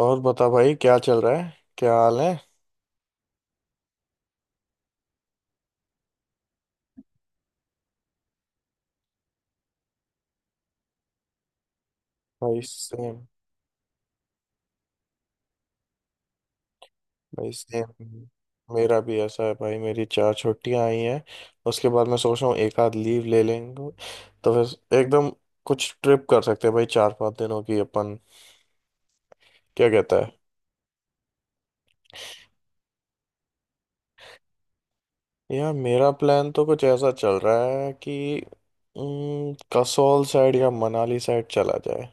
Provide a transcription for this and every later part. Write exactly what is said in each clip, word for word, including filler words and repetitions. और बता भाई, क्या चल रहा है? क्या हाल है? भाई सेम। भाई सेम। मेरा भी ऐसा है भाई, मेरी चार छुट्टियां आई हैं। उसके बाद मैं सोच रहा हूँ एक आध लीव ले लेंगे, तो फिर एकदम कुछ ट्रिप कर सकते हैं भाई चार पांच दिनों की अपन। क्या कहता है? यार मेरा प्लान तो कुछ ऐसा चल रहा है कि उम, कसौल साइड या मनाली साइड चला जाए।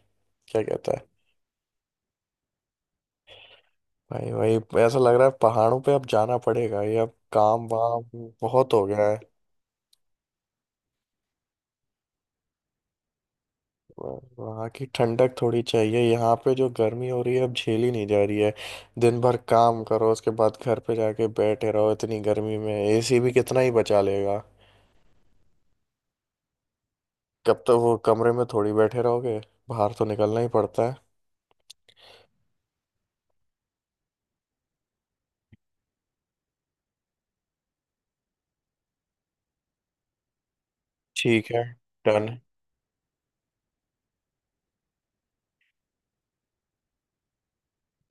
क्या कहता है? भाई भाई, ऐसा लग रहा है पहाड़ों पे अब जाना पड़ेगा, ये अब काम वाम बहुत हो गया है। वहाँ की ठंडक थोड़ी चाहिए, यहाँ पे जो गर्मी हो रही है अब झेली नहीं जा रही है। दिन भर काम करो उसके बाद घर पे जाके बैठे रहो, इतनी गर्मी में एसी भी कितना ही बचा लेगा। कब तक वो कमरे में थोड़ी बैठे रहोगे, बाहर तो निकलना ही पड़ता है। ठीक है। डन।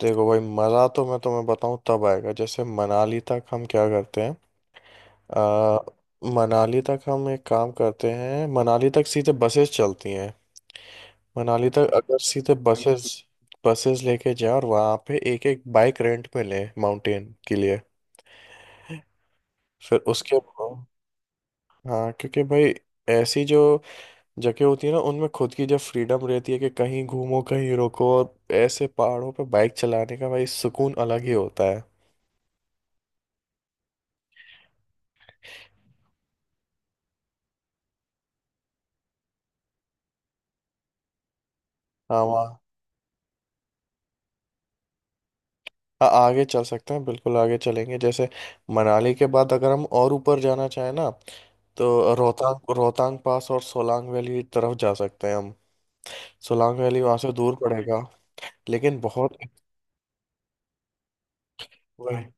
देखो भाई, मज़ा तो मैं तुम्हें बताऊँ तब आएगा, जैसे मनाली तक हम क्या करते हैं। आ, मनाली तक हम एक काम करते हैं, मनाली तक सीधे बसेस चलती हैं। मनाली तक अगर सीधे बसेस, बसेस लेके जाए और वहाँ पे एक एक बाइक रेंट पे ले माउंटेन के लिए, फिर उसके। हाँ क्योंकि भाई, ऐसी जो जगह होती है ना, उनमें खुद की जब फ्रीडम रहती है कि कहीं घूमो कहीं रुको, और ऐसे पहाड़ों पे बाइक चलाने का भाई सुकून अलग ही होता है। हाँ वहाँ। हाँ, आगे चल सकते हैं बिल्कुल, आगे चलेंगे जैसे मनाली के बाद अगर हम और ऊपर जाना चाहें ना, तो रोहतांग, रोहतांग पास और सोलांग वैली तरफ जा सकते हैं हम। सोलांग वैली वहाँ से दूर पड़ेगा, लेकिन बहुत। वही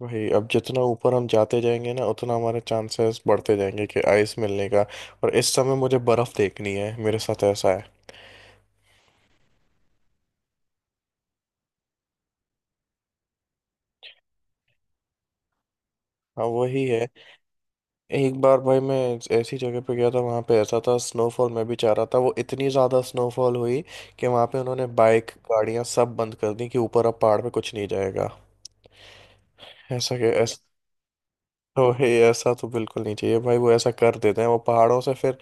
वही अब जितना ऊपर हम जाते जाएंगे ना उतना हमारे चांसेस बढ़ते जाएंगे कि आइस मिलने का, और इस समय मुझे बर्फ़ देखनी है, मेरे साथ ऐसा है। हाँ वही है। एक बार भाई मैं ऐसी जगह पे गया था, वहाँ पे ऐसा था, स्नोफॉल मैं भी चाह रहा था, वो इतनी ज़्यादा स्नोफॉल हुई कि वहाँ पे उन्होंने बाइक गाड़ियाँ सब बंद कर दी कि ऊपर अब पहाड़ पे कुछ नहीं जाएगा। ऐसा के ऐसा। तो वही, ऐसा तो बिल्कुल नहीं चाहिए भाई, वो ऐसा कर देते हैं, वो पहाड़ों से फिर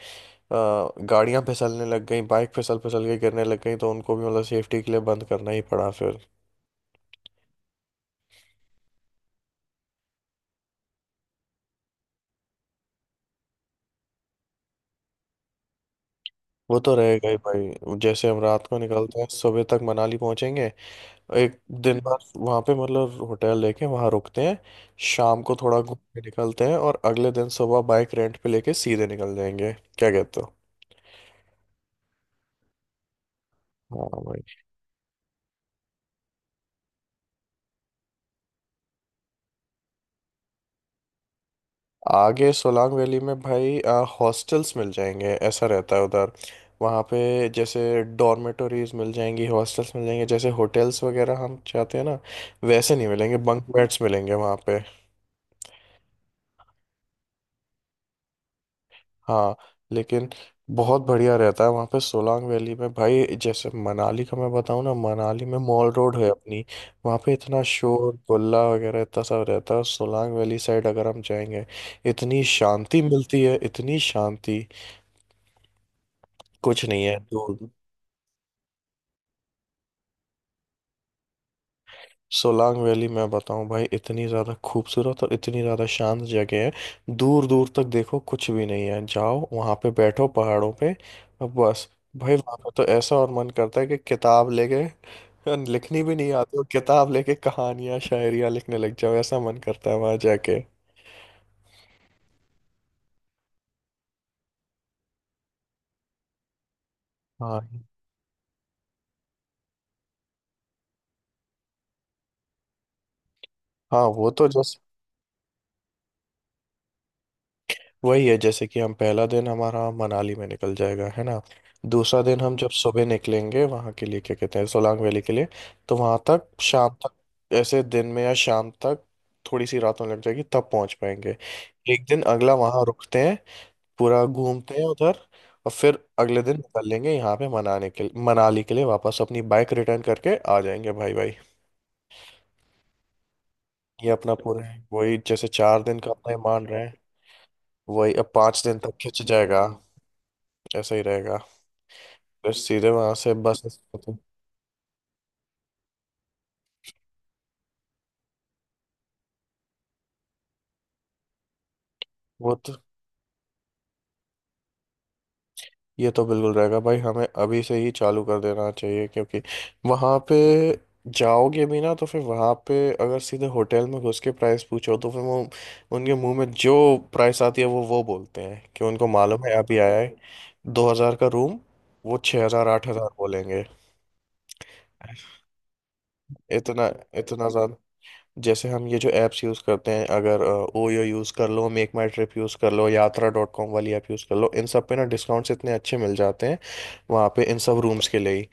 गाड़ियां फिसलने लग गई, बाइक फिसल फिसल के गिरने लग गई, तो उनको भी मतलब सेफ्टी के लिए बंद करना ही पड़ा फिर। वो तो रहेगा ही भाई, जैसे हम रात को निकलते हैं सुबह तक मनाली पहुंचेंगे। एक दिन भर वहां पे मतलब होटल लेके वहां रुकते हैं, शाम को थोड़ा घूम के निकलते हैं, और अगले दिन सुबह बाइक रेंट पे लेके सीधे निकल जाएंगे। क्या कहते हो? हाँ भाई। आगे सोलांग वैली में भाई हॉस्टल्स मिल जाएंगे, ऐसा रहता है उधर, वहाँ पे जैसे डॉर्मेटोरीज मिल जाएंगी, हॉस्टल्स मिल जाएंगे, जैसे होटल्स वगैरह हम चाहते हैं ना वैसे नहीं मिलेंगे, बंक बेड्स मिलेंगे वहाँ पे। हाँ, लेकिन बहुत बढ़िया रहता है वहाँ पे सोलांग वैली में भाई, जैसे मनाली का मैं बताऊँ ना, मनाली में मॉल रोड है अपनी, वहाँ पे इतना शोर गुल्ला वगैरह इतना सब रहता है। सोलांग वैली साइड अगर हम जाएंगे, इतनी शांति मिलती है, इतनी शांति, कुछ नहीं है। सोलांग वैली मैं बताऊं भाई, इतनी ज़्यादा खूबसूरत और इतनी ज़्यादा शांत जगह है। दूर दूर तक देखो कुछ भी नहीं है, जाओ वहाँ पे बैठो पहाड़ों पे और बस। भाई वहाँ पे तो ऐसा और मन करता है कि किताब लेके, लिखनी भी नहीं आती और किताब लेके कहानियाँ शायरियाँ लिखने लग जाओ, ऐसा मन करता है वहाँ जाके। हाँ। हाँ वो तो जैसे। वही है जैसे कि हम, पहला दिन हमारा मनाली में निकल जाएगा, है ना? दूसरा दिन हम जब सुबह निकलेंगे वहाँ के लिए, क्या कहते हैं, सोलांग वैली के लिए, तो वहाँ तक शाम तक, ऐसे दिन में या शाम तक, थोड़ी सी रात होने लग जाएगी तब पहुँच पाएंगे। एक दिन अगला वहाँ रुकते हैं, पूरा घूमते हैं उधर, और फिर अगले दिन निकल लेंगे यहाँ पे मनाने के लिए- मनाली के लिए वापस, अपनी बाइक रिटर्न करके आ जाएंगे भाई भाई। ये अपना पूरा है। वही जैसे चार दिन का अपना ये मान रहे हैं, वही अब पाँच दिन तक खिंच जाएगा। ऐसा ही रहेगा। फिर सीधे वहां से बस स्टॉप-। वो तो, ये तो बिल्कुल रहेगा भाई, हमें अभी से ही चालू कर देना चाहिए, क्योंकि वहां पे जाओगे भी ना तो फिर वहां पे अगर सीधे होटल में घुस के प्राइस पूछो, तो फिर वो, उनके मुंह में जो प्राइस आती है, वो वो बोलते हैं कि उनको मालूम है अभी आया है। दो हजार का रूम वो छः हजार आठ हजार बोलेंगे। इतना, इतना ज्यादा। जैसे हम ये जो ऐप्स यूज़ करते हैं, अगर ओयो यूज़ कर लो, मेक माई ट्रिप यूज़ कर लो, यात्रा डॉट कॉम वाली ऐप यूज़ कर लो, इन सब पे ना डिस्काउंट्स इतने अच्छे मिल जाते हैं वहाँ पे, इन सब रूम्स के लिए ही।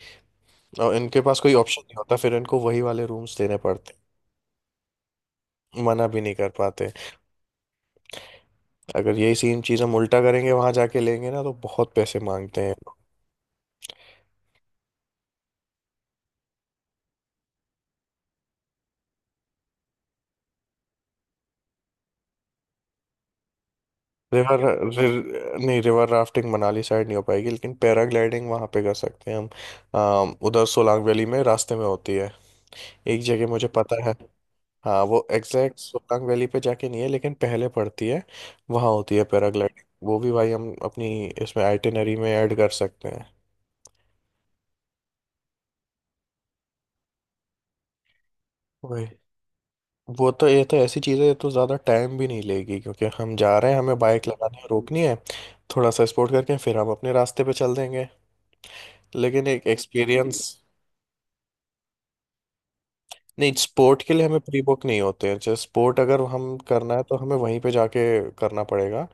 और इनके पास कोई ऑप्शन नहीं होता, फिर इनको वही वाले रूम्स देने पड़ते हैं, मना भी नहीं कर पाते। अगर यही सेम चीज़ हम उल्टा करेंगे वहाँ जाके लेंगे ना, तो बहुत पैसे मांगते हैं। रिवर, रिर, नहीं रिवर राफ्टिंग मनाली साइड नहीं हो पाएगी, लेकिन पैराग्लाइडिंग वहाँ पे कर सकते हैं हम। अम, उधर सोलांग वैली में रास्ते में होती है, एक जगह मुझे पता है। हाँ वो एग्जैक्ट सोलांग वैली पे जाके नहीं है लेकिन पहले पड़ती है, वहाँ होती है पैराग्लाइडिंग, वो भी भाई हम अपनी इसमें आइटिनरी में ऐड कर सकते हैं। वही, वो तो, ये तो ऐसी चीज़ है, ये तो ज़्यादा टाइम भी नहीं लेगी, क्योंकि हम जा रहे हैं, हमें बाइक लगानी है रोकनी है, थोड़ा सा स्पोर्ट करके फिर हम अपने रास्ते पे चल देंगे, लेकिन एक एक्सपीरियंस। नहीं स्पोर्ट के लिए हमें प्री बुक नहीं होते हैं, जैसे स्पोर्ट अगर हम करना है तो हमें वहीं पे जाके करना पड़ेगा।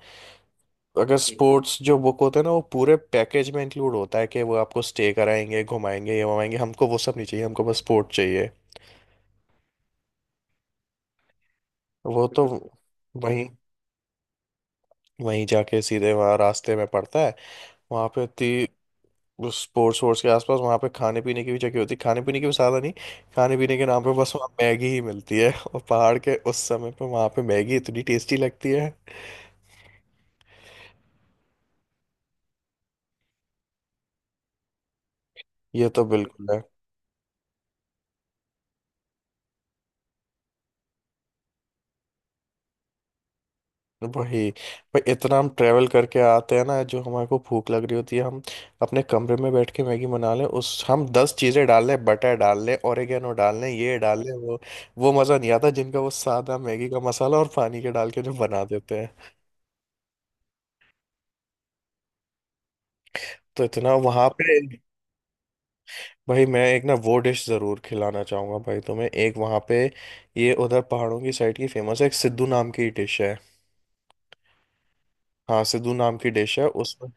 अगर स्पोर्ट्स जो बुक होते हैं ना, वो पूरे पैकेज में इंक्लूड होता है कि वो आपको स्टे कराएंगे, घुमाएंगे, ये घुमाएंगे, हमको वो सब नहीं चाहिए, हमको बस स्पोर्ट चाहिए। वो तो वहीं, वहीं जाके सीधे वहाँ रास्ते में पड़ता है, वहाँ पे इतनी स्पोर्ट्स वोर्ट्स के आसपास वहाँ पे खाने पीने की भी जगह होती है, खाने पीने की भी साधन नहीं, खाने पीने के नाम पे बस वहाँ मैगी ही मिलती है, और पहाड़ के उस समय पे वहाँ पे मैगी इतनी टेस्टी लगती है। ये तो बिल्कुल है। वही, भाई इतना हम ट्रैवल करके आते हैं ना, जो हमारे को भूख लग रही होती है, हम अपने कमरे में बैठ के मैगी बना लें, उस हम दस चीज़ें डाल लें, बटर डाल लें, ओरिगेनो डाल लें, ये डाल लें वो वो मज़ा नहीं आता, जिनका वो सादा मैगी का मसाला और पानी के डाल के जो बना देते हैं। तो इतना वहाँ पे। भाई मैं एक ना वो डिश ज़रूर खिलाना चाहूँगा भाई तुम्हें, एक वहाँ पे, ये उधर पहाड़ों की साइड की फेमस है, एक सिद्धू नाम की डिश है। हाँ सिद्धू नाम की डिश है उसमें।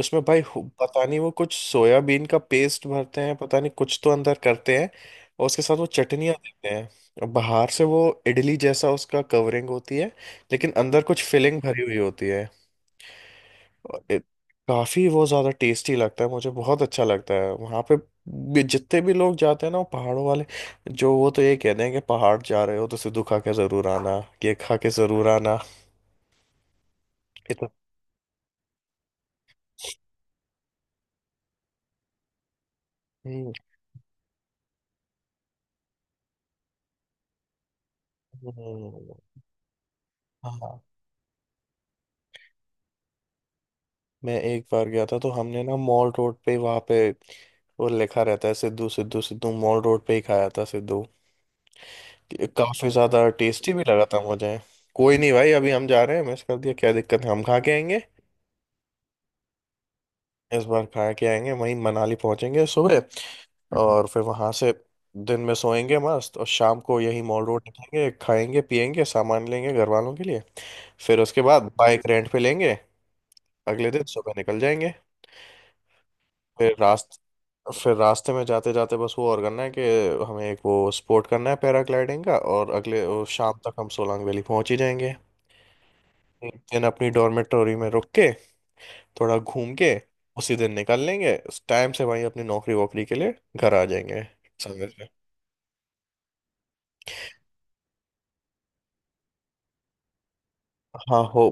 उसमें भाई हु- पता नहीं, वो कुछ सोयाबीन का पेस्ट भरते हैं, पता नहीं कुछ तो अंदर करते हैं, और उसके साथ वो चटनियाँ देते हैं, और बाहर से वो इडली जैसा उसका कवरिंग होती है, लेकिन अंदर कुछ फिलिंग भरी हुई होती है। और इत- काफी वो ज्यादा टेस्टी लगता है मुझे, बहुत अच्छा लगता है वहां पे। भी- जितने भी लोग जाते हैं ना वो पहाड़ों वाले जो, वो तो ये कहते हैं कि पहाड़ जा रहे हो तो सिद्धू खा के जरूर आना, ये खा के जरूर आना। इतना, हम्म, हम्म, हम्म, हम्म। हाँ मैं एक बार गया था तो हमने ना मॉल रोड पे वहाँ पे वो लिखा रहता है सिद्धू, सिद्धू सिद्धू मॉल रोड पे ही खाया था सिद्धू। काफी ज्यादा टेस्टी भी लगा था मुझे। कोई नहीं भाई, अभी हम जा रहे हैं, मिस कर दिया क्या दिक्कत है, हम खा के आएंगे। इस बार खा के आएंगे वहीं, मनाली पहुंचेंगे सुबह हम्म। और फिर वहां से दिन में सोएंगे मस्त, और शाम को यही मॉल रोड निकलेंगे, खाएंगे पिएंगे, सामान लेंगे घर वालों के लिए। फिर उसके बाद बाइक रेंट पे लेंगे, अगले दिन सुबह निकल जाएंगे। फिर रास्ते, फिर रास्ते में जाते जाते बस वो और करना है कि हमें एक वो स्पोर्ट करना है पैराग्लाइडिंग का, और अगले वो शाम तक हम सोलांग वैली पहुंच ही जाएंगे। एक दिन अपनी डॉर्मेटोरी में रुक के, थोड़ा घूम के उसी दिन निकल लेंगे उस टाइम से, वहीं अपनी नौकरी वोकरी के लिए घर आ जाएंगे समय से। हाँ हो,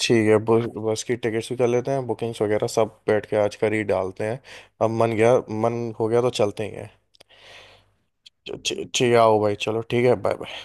ठीक है, बस बस की टिकट्स भी कर लेते हैं, बुकिंग्स वगैरह सब बैठ के आज कर ही डालते हैं, अब मन गया मन हो गया तो चलते ही हैं। ठी- ठीक है, आओ भाई, चलो ठीक है बाय।